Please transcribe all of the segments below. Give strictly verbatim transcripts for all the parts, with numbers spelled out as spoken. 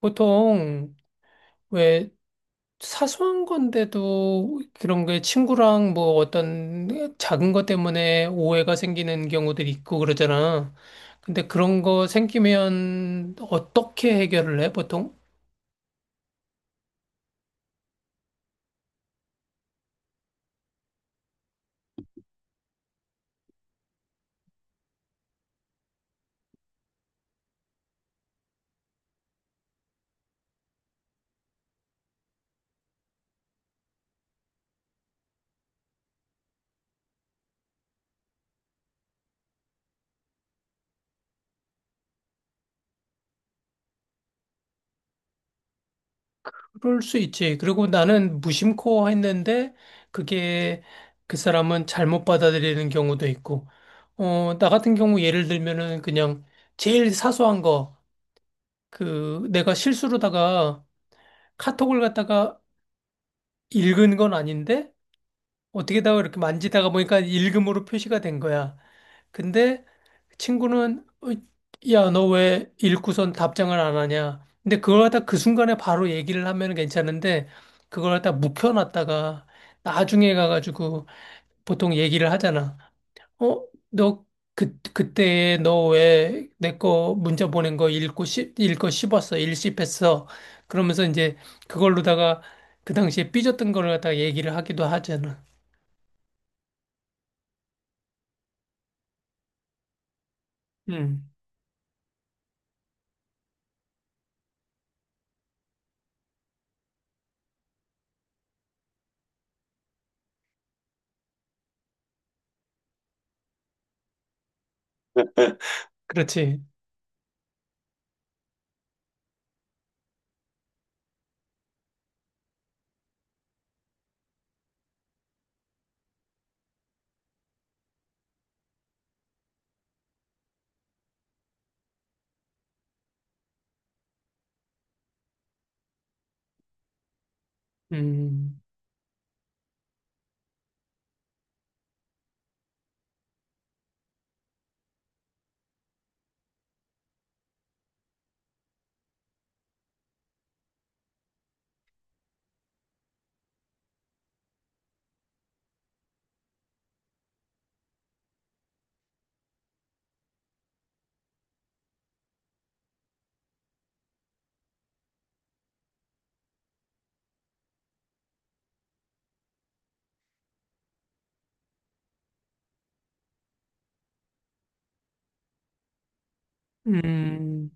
보통 왜 사소한 건데도 그런 게 친구랑 뭐 어떤 작은 것 때문에 오해가 생기는 경우들이 있고 그러잖아. 근데 그런 거 생기면 어떻게 해결을 해, 보통? 그럴 수 있지. 그리고 나는 무심코 했는데 그게 그 사람은 잘못 받아들이는 경우도 있고. 어, 나 같은 경우 예를 들면은 그냥 제일 사소한 거, 그 내가 실수로다가 카톡을 갖다가 읽은 건 아닌데 어떻게다가 이렇게 만지다가 보니까 읽음으로 표시가 된 거야. 근데 친구는 "어, 야, 너 왜 읽고선 답장을 안 하냐?" 근데 그걸 갖다 그 순간에 바로 얘기를 하면 괜찮은데 그걸 갖다 묵혀놨다가 나중에 가가지고 보통 얘기를 하잖아. 어, 너, 그, 그때 너 왜 내 거 문자 보낸 거 읽고, 씹, 읽고 씹었어, 일씹했어. 그러면서 이제 그걸로다가 그 당시에 삐졌던 걸 갖다가 얘기를 하기도 하잖아. 음, 그렇지. 음, 음,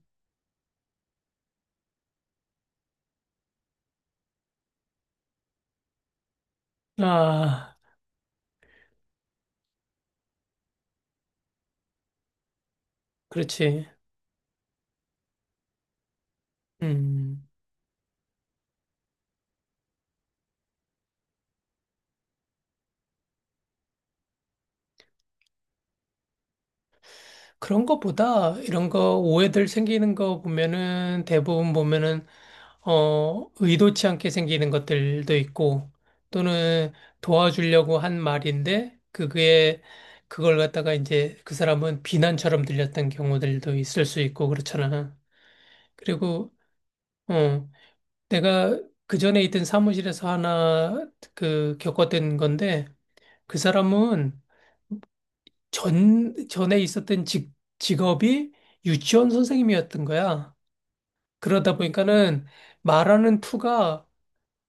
아, 그렇지. 음, 그런 거보다 이런 거 오해들 생기는 거 보면은 대부분 보면은 어, 의도치 않게 생기는 것들도 있고, 또는 도와주려고 한 말인데, 그게, 그걸 갖다가 이제 그 사람은 비난처럼 들렸던 경우들도 있을 수 있고, 그렇잖아. 그리고, 어, 내가 그 전에 있던 사무실에서 하나, 그, 겪었던 건데, 그 사람은 전, 전에 있었던 직, 직업이 유치원 선생님이었던 거야. 그러다 보니까는 말하는 투가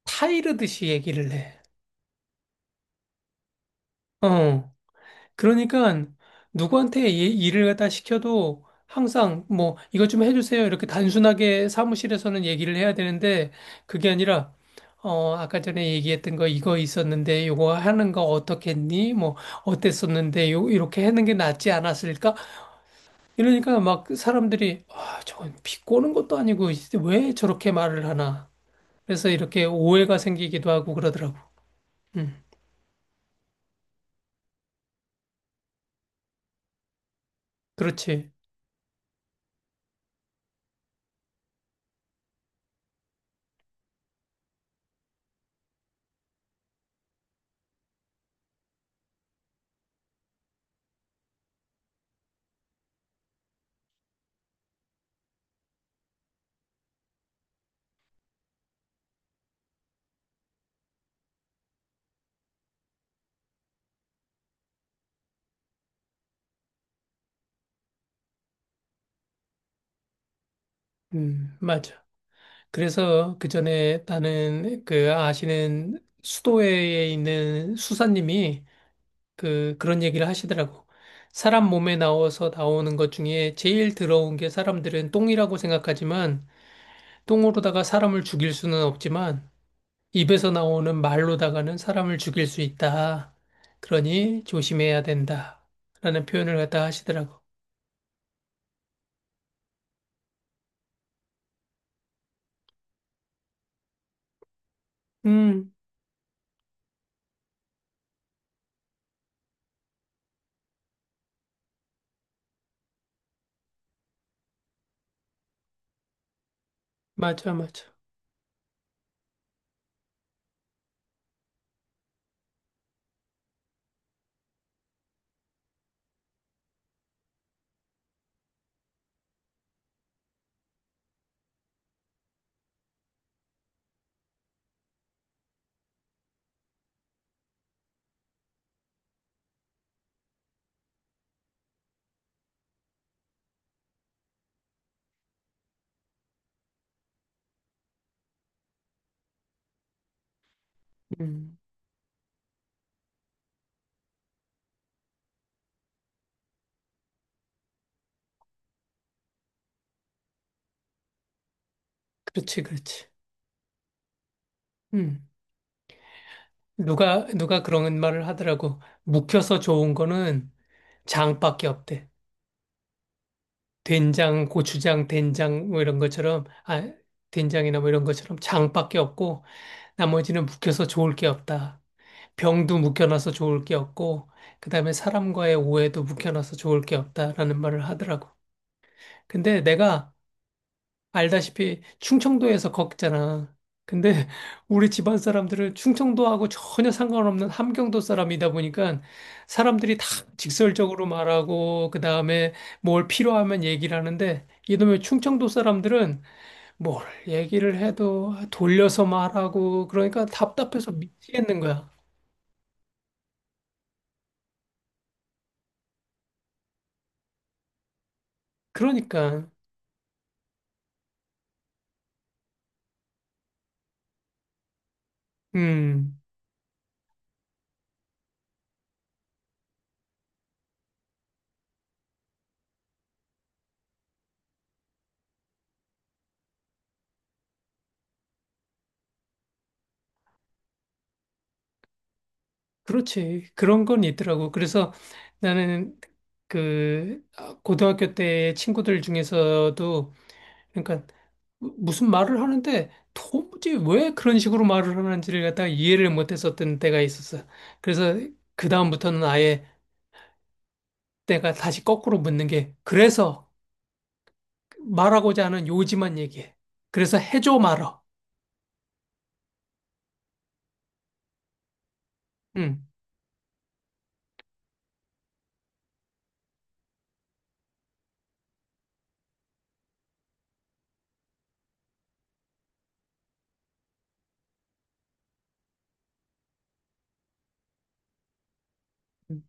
타이르듯이 얘기를 해. 어. 그러니까 누구한테 이- 일을 갖다 시켜도 항상 뭐 이것 좀 해주세요. 이렇게 단순하게 사무실에서는 얘기를 해야 되는데 그게 아니라 어, 아까 전에 얘기했던 거 이거 있었는데 요거 하는 거 어떻겠니? 뭐 어땠었는데 요 이렇게 하는 게 낫지 않았을까? 이러니까 막 사람들이 아, 저건 비꼬는 것도 아니고 왜 저렇게 말을 하나? 그래서 이렇게 오해가 생기기도 하고 그러더라고. 음, 그렇지. 음, 맞아. 그래서 그 전에 나는 그 아시는 수도회에 있는 수사님이 그 그런 얘기를 하시더라고. 사람 몸에 나와서 나오는 것 중에 제일 더러운 게 사람들은 똥이라고 생각하지만 똥으로다가 사람을 죽일 수는 없지만 입에서 나오는 말로다가는 사람을 죽일 수 있다. 그러니 조심해야 된다. 라는 표현을 갖다 하시더라고. 음, 맞아, 맞아. 음, 그렇지, 그렇지. 음. 누가, 누가 그런 말을 하더라고. 묵혀서 좋은 거는 장밖에 없대. 된장, 고추장, 된장, 뭐 이런 것처럼, 아, 된장이나 뭐 이런 것처럼 장밖에 없고, 나머지는 묵혀서 좋을 게 없다. 병도 묵혀놔서 좋을 게 없고, 그 다음에 사람과의 오해도 묵혀놔서 좋을 게 없다라는 말을 하더라고. 근데 내가 알다시피 충청도에서 걷잖아. 근데 우리 집안 사람들은 충청도하고 전혀 상관없는 함경도 사람이다 보니까 사람들이 다 직설적으로 말하고 그다음에 뭘 필요하면 얘기를 하는데 이놈의 충청도 사람들은 뭘 얘기를 해도 돌려서 말하고 그러니까 답답해서 미치겠는 거야. 그러니까. 음, 그렇지. 그런 건 있더라고. 그래서 나는 그 아, 고등학교 때 친구들 중에서도 그러니까 무- 슨 말을 하는데 도무지 왜 그런 식으로 말을 하는지를 갖다가 이해를 못 했었던 때가 있었어. 그래서 그다음부터는 아예 내가 다시 거꾸로 묻는 게, 그래서 말하고자 하는 요지만 얘기해. 그래서 해줘 말어? 응. 응,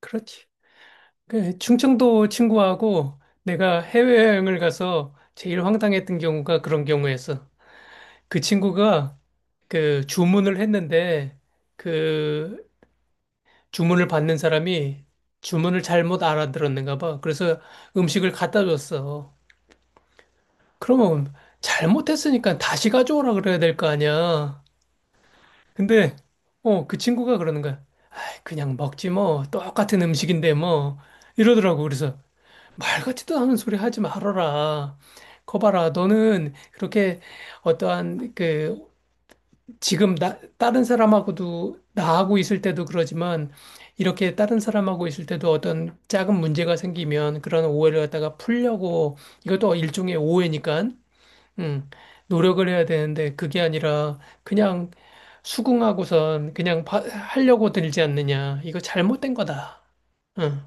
그렇지. 그 충청도 친구하고 내가 해외여행을 가서 제일 황당했던 경우가 그런 경우였어. 그 친구가 그 주문을 했는데 그 주문을 받는 사람이 주문을 잘못 알아들었는가 봐. 그래서 음식을 갖다 줬어. 그러면 잘못했으니까 다시 가져오라 그래야 될 거 아니야. 근데, 어, 그 친구가 그러는 거야. 아이, 그냥 먹지 뭐. 똑같은 음식인데 뭐. 이러더라고. 그래서 말 같지도 않은 소리 하지 말아라. 거봐라. 너는 그렇게 어떠한 그 지금 나, 다른 사람하고도 나하고 있을 때도 그러지만 이렇게 다른 사람하고 있을 때도 어떤 작은 문제가 생기면 그런 오해를 갖다가 풀려고, 이것도 일종의 오해니까 음, 노력을 해야 되는데 그게 아니라 그냥 수긍하고선 그냥 바- 하려고 들지 않느냐. 이거 잘못된 거다. 응,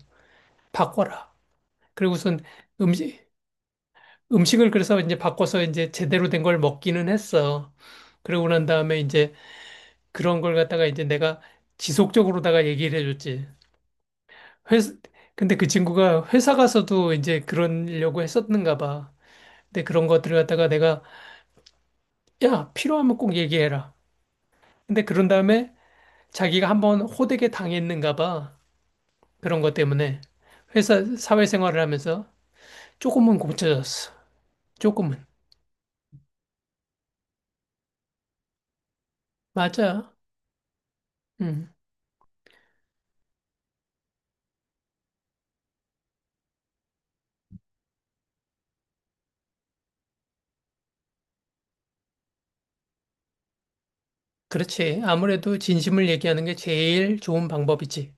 바꿔라. 그리고선 음식, 음식을 그래서 이제 바꿔서 이제 제대로 된 걸 먹기는 했어. 그러고 난 다음에 이제 그런 걸 갖다가 이제 내가 지속적으로다가 얘기를 해줬지. 회사, 근데 그 친구가 회사 가서도 이제 그러려고 했었는가 봐. 근데 그런 것들을 갖다가 내가, 야, 필요하면 꼭 얘기해라. 근데 그런 다음에 자기가 한번 호되게 당했는가 봐. 그런 것 때문에. 회사, 사회생활을 하면서 조금은 고쳐졌어. 조금은. 맞아. 음, 그렇지. 아무래도 진심을 얘기하는 게 제일 좋은 방법이지.